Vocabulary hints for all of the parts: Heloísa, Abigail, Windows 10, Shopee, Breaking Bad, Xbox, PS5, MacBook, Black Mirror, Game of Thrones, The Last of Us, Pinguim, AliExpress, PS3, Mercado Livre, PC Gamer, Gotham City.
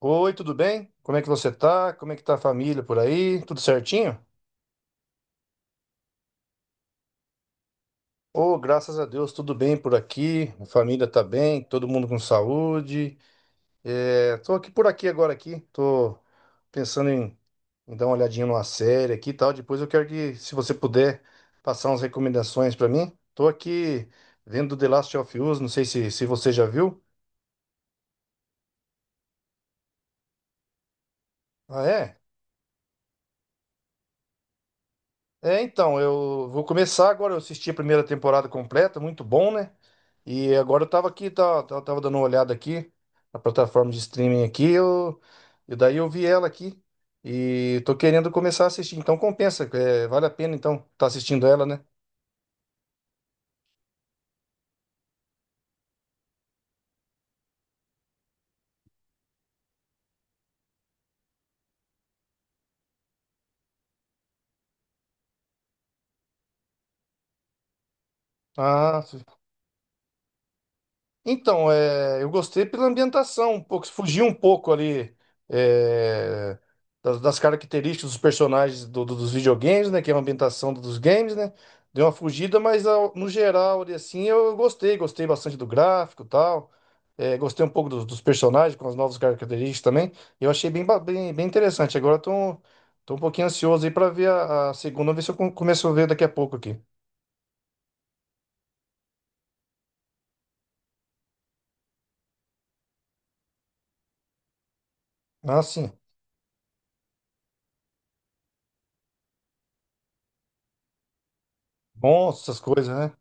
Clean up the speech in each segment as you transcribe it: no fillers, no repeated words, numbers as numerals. Oi, tudo bem? Como é que você tá? Como é que tá a família por aí? Tudo certinho? Oh, graças a Deus, tudo bem por aqui. A família tá bem, todo mundo com saúde. É, tô aqui por aqui agora aqui. Tô pensando em dar uma olhadinha numa série aqui e tal. Depois eu quero que, se você puder, passar umas recomendações pra mim. Tô aqui vendo The Last of Us, não sei se você já viu. Ah, é? É, então, eu vou começar agora. Eu assisti a primeira temporada completa, muito bom, né? E agora eu tava dando uma olhada aqui na plataforma de streaming aqui, e daí eu vi ela aqui e tô querendo começar a assistir. Então compensa, é, vale a pena então tá assistindo ela, né? Ah, então, é, eu gostei pela ambientação, um pouco, fugiu um pouco ali é, das características dos personagens dos videogames, né? Que é uma ambientação dos games, né? Deu uma fugida, mas no geral, ali, assim, eu gostei, gostei bastante do gráfico e tal. É, gostei um pouco dos personagens, com as novas características também. Eu achei bem interessante. Agora tô um pouquinho ansioso aí para ver a segunda, ver se eu começo a ver daqui a pouco aqui. Ah, sim. Bom, essas coisas, né?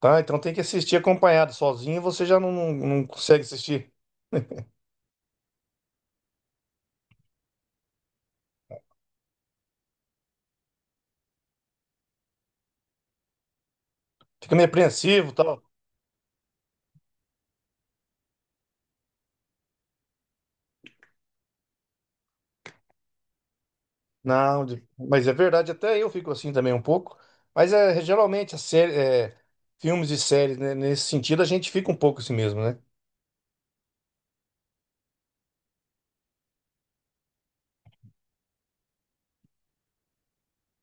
Tá, então tem que assistir acompanhado. Sozinho você já não, não, não consegue assistir. Fica meio apreensivo e tal. Não, mas é verdade, até eu fico assim também um pouco. Mas é, geralmente as série, é, filmes e séries, né, nesse sentido, a gente fica um pouco assim mesmo, né?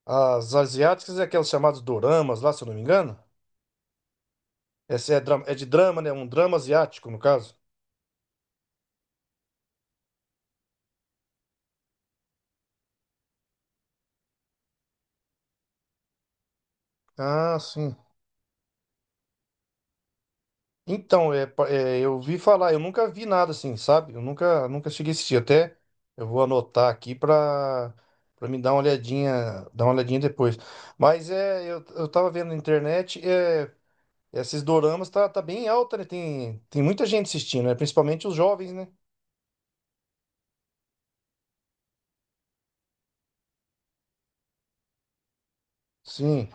As asiáticas é aquelas chamadas doramas lá, se eu não me engano. Essa é de drama, né? Um drama asiático, no caso. Ah, sim. Então, é, eu vi falar, eu nunca vi nada assim, sabe? Eu nunca, nunca cheguei a assistir. Até eu vou anotar aqui pra para me dar uma olhadinha depois. Mas é, eu tava vendo na internet, é, esses doramas tá bem alta, né? Tem muita gente assistindo, né? Principalmente os jovens, né? Sim.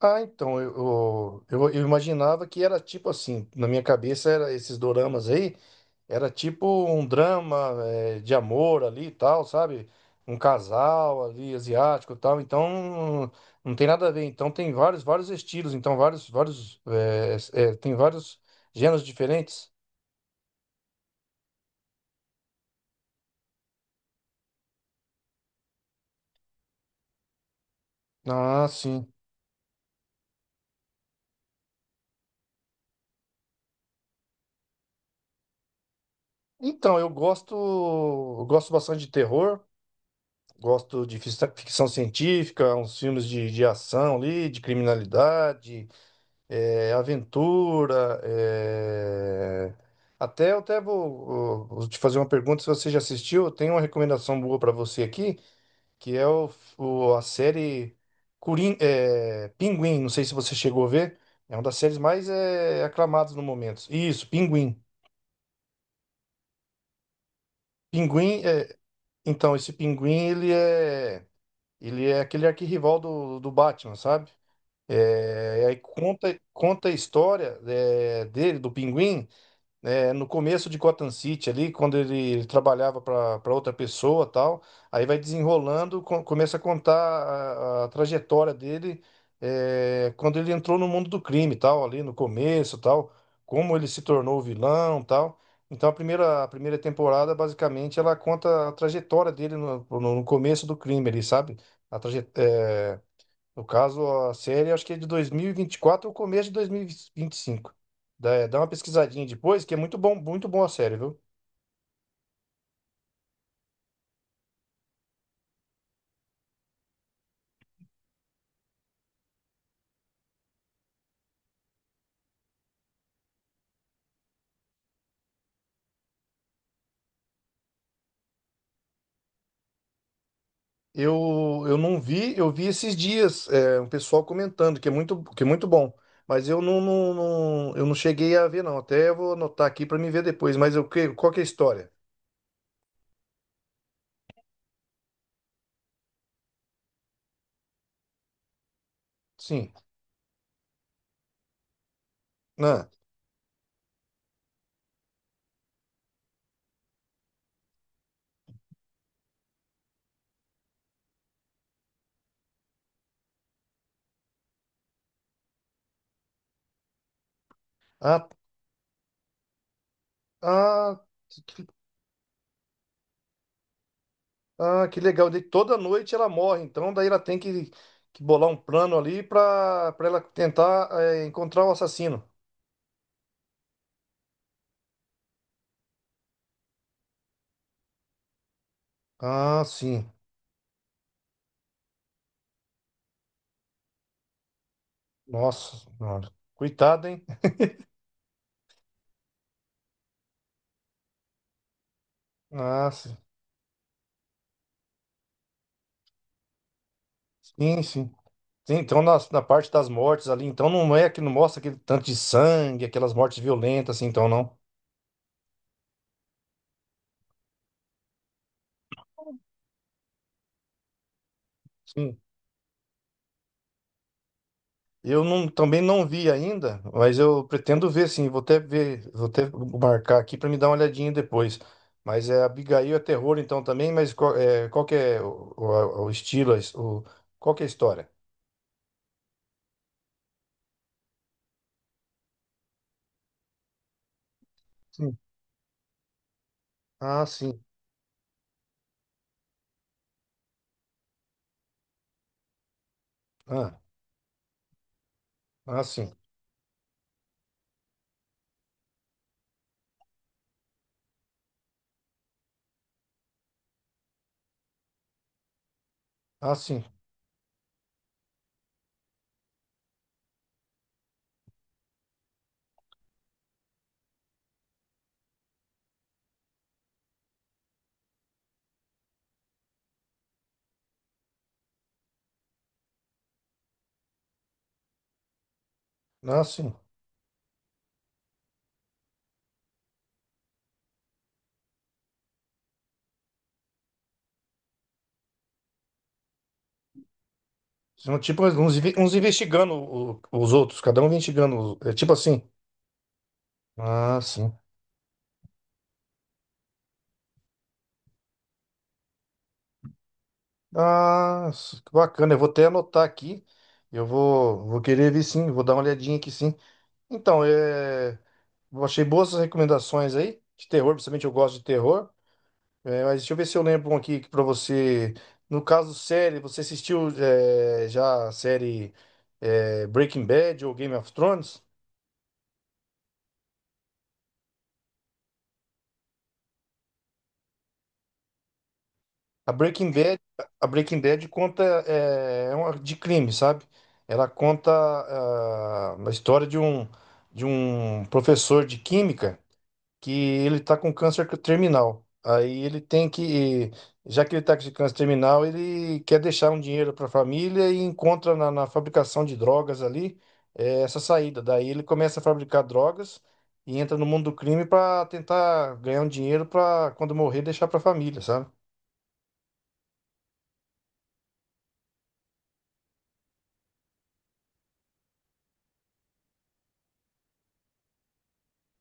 Ah, então, eu imaginava que era tipo assim, na minha cabeça era esses doramas aí. Era tipo um drama de amor ali e tal, sabe? Um casal ali asiático e tal. Então não tem nada a ver. Então tem vários, vários estilos. Então tem vários gêneros diferentes. Ah, sim. Então eu gosto bastante de terror. Gosto de ficção científica, uns filmes de ação ali, de criminalidade. Aventura, é, até eu até vou te fazer uma pergunta se você já assistiu. Eu tenho uma recomendação boa para você aqui, que é a série Pinguim. Não sei se você chegou a ver. É uma das séries mais aclamadas no momento. Isso, Pinguim. Pinguim é, esse Pinguim, ele é aquele arquirrival do Batman, sabe? Aí conta a história dele do Pinguim. No começo de Gotham City ali, quando ele trabalhava para outra pessoa tal, aí vai desenrolando, começa a contar a trajetória dele quando ele entrou no mundo do crime tal, ali no começo tal, como ele se tornou vilão tal. Então a primeira temporada, basicamente, ela conta a trajetória dele no começo do crime ali, sabe? A trajetória. No caso, a série acho que é de dois mil e vinte e quatro ou começo de dois mil e vinte e cinco. Dá uma pesquisadinha depois, que é muito bom a série, viu? Eu não vi, eu vi esses dias, é, um pessoal comentando que é muito bom. Mas eu eu não cheguei a ver, não. Até vou anotar aqui para me ver depois. Mas qual que é a história? Sim. Ah, ah, ah, ah, que legal. De toda noite ela morre, então daí ela tem que bolar um plano ali pra para ela tentar encontrar o assassino. Ah, sim. Nossa senhora. Coitado, hein? Ah, sim. Sim, sim. Sim, então na parte das mortes ali, então não é que não mostra aquele tanto de sangue, aquelas mortes violentas, assim, então não. Sim. Eu não, também não vi ainda, mas eu pretendo ver sim. Vou até ver, vou até marcar aqui para me dar uma olhadinha depois. Mas Abigail é terror então também, mas qual que é o estilo, qual que é a história? Sim. Ah, sim. Ah, ah, sim. Ah, sim. Ah, sim. São tipo uns investigando os outros, cada um investigando. É tipo assim. Ah, sim. Ah, que bacana. Eu vou até anotar aqui. Eu vou querer ver sim, vou dar uma olhadinha aqui sim. Então, eu achei boas essas recomendações aí, de terror, principalmente eu gosto de terror. É, mas deixa eu ver se eu lembro um aqui para você. No caso, série, você assistiu já a série Breaking Bad ou Game of Thrones? A Breaking Bad, a Breaking Bad conta é uma de crime, sabe? Ela conta a história de de um professor de química. Que ele tá com câncer terminal. Aí ele tem que, já que ele tá com câncer terminal, ele quer deixar um dinheiro para a família e encontra na fabricação de drogas ali essa saída. Daí ele começa a fabricar drogas e entra no mundo do crime para tentar ganhar um dinheiro para quando morrer deixar para a família, sabe?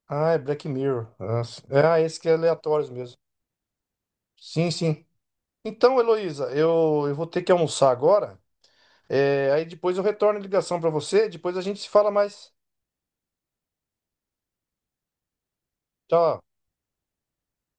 Ah, é Black Mirror. Nossa. É, esse que é aleatórios mesmo. Sim, sim. Então, Heloísa, eu vou ter que almoçar agora. Aí depois eu retorno a ligação para você, depois a gente se fala mais. Tchau.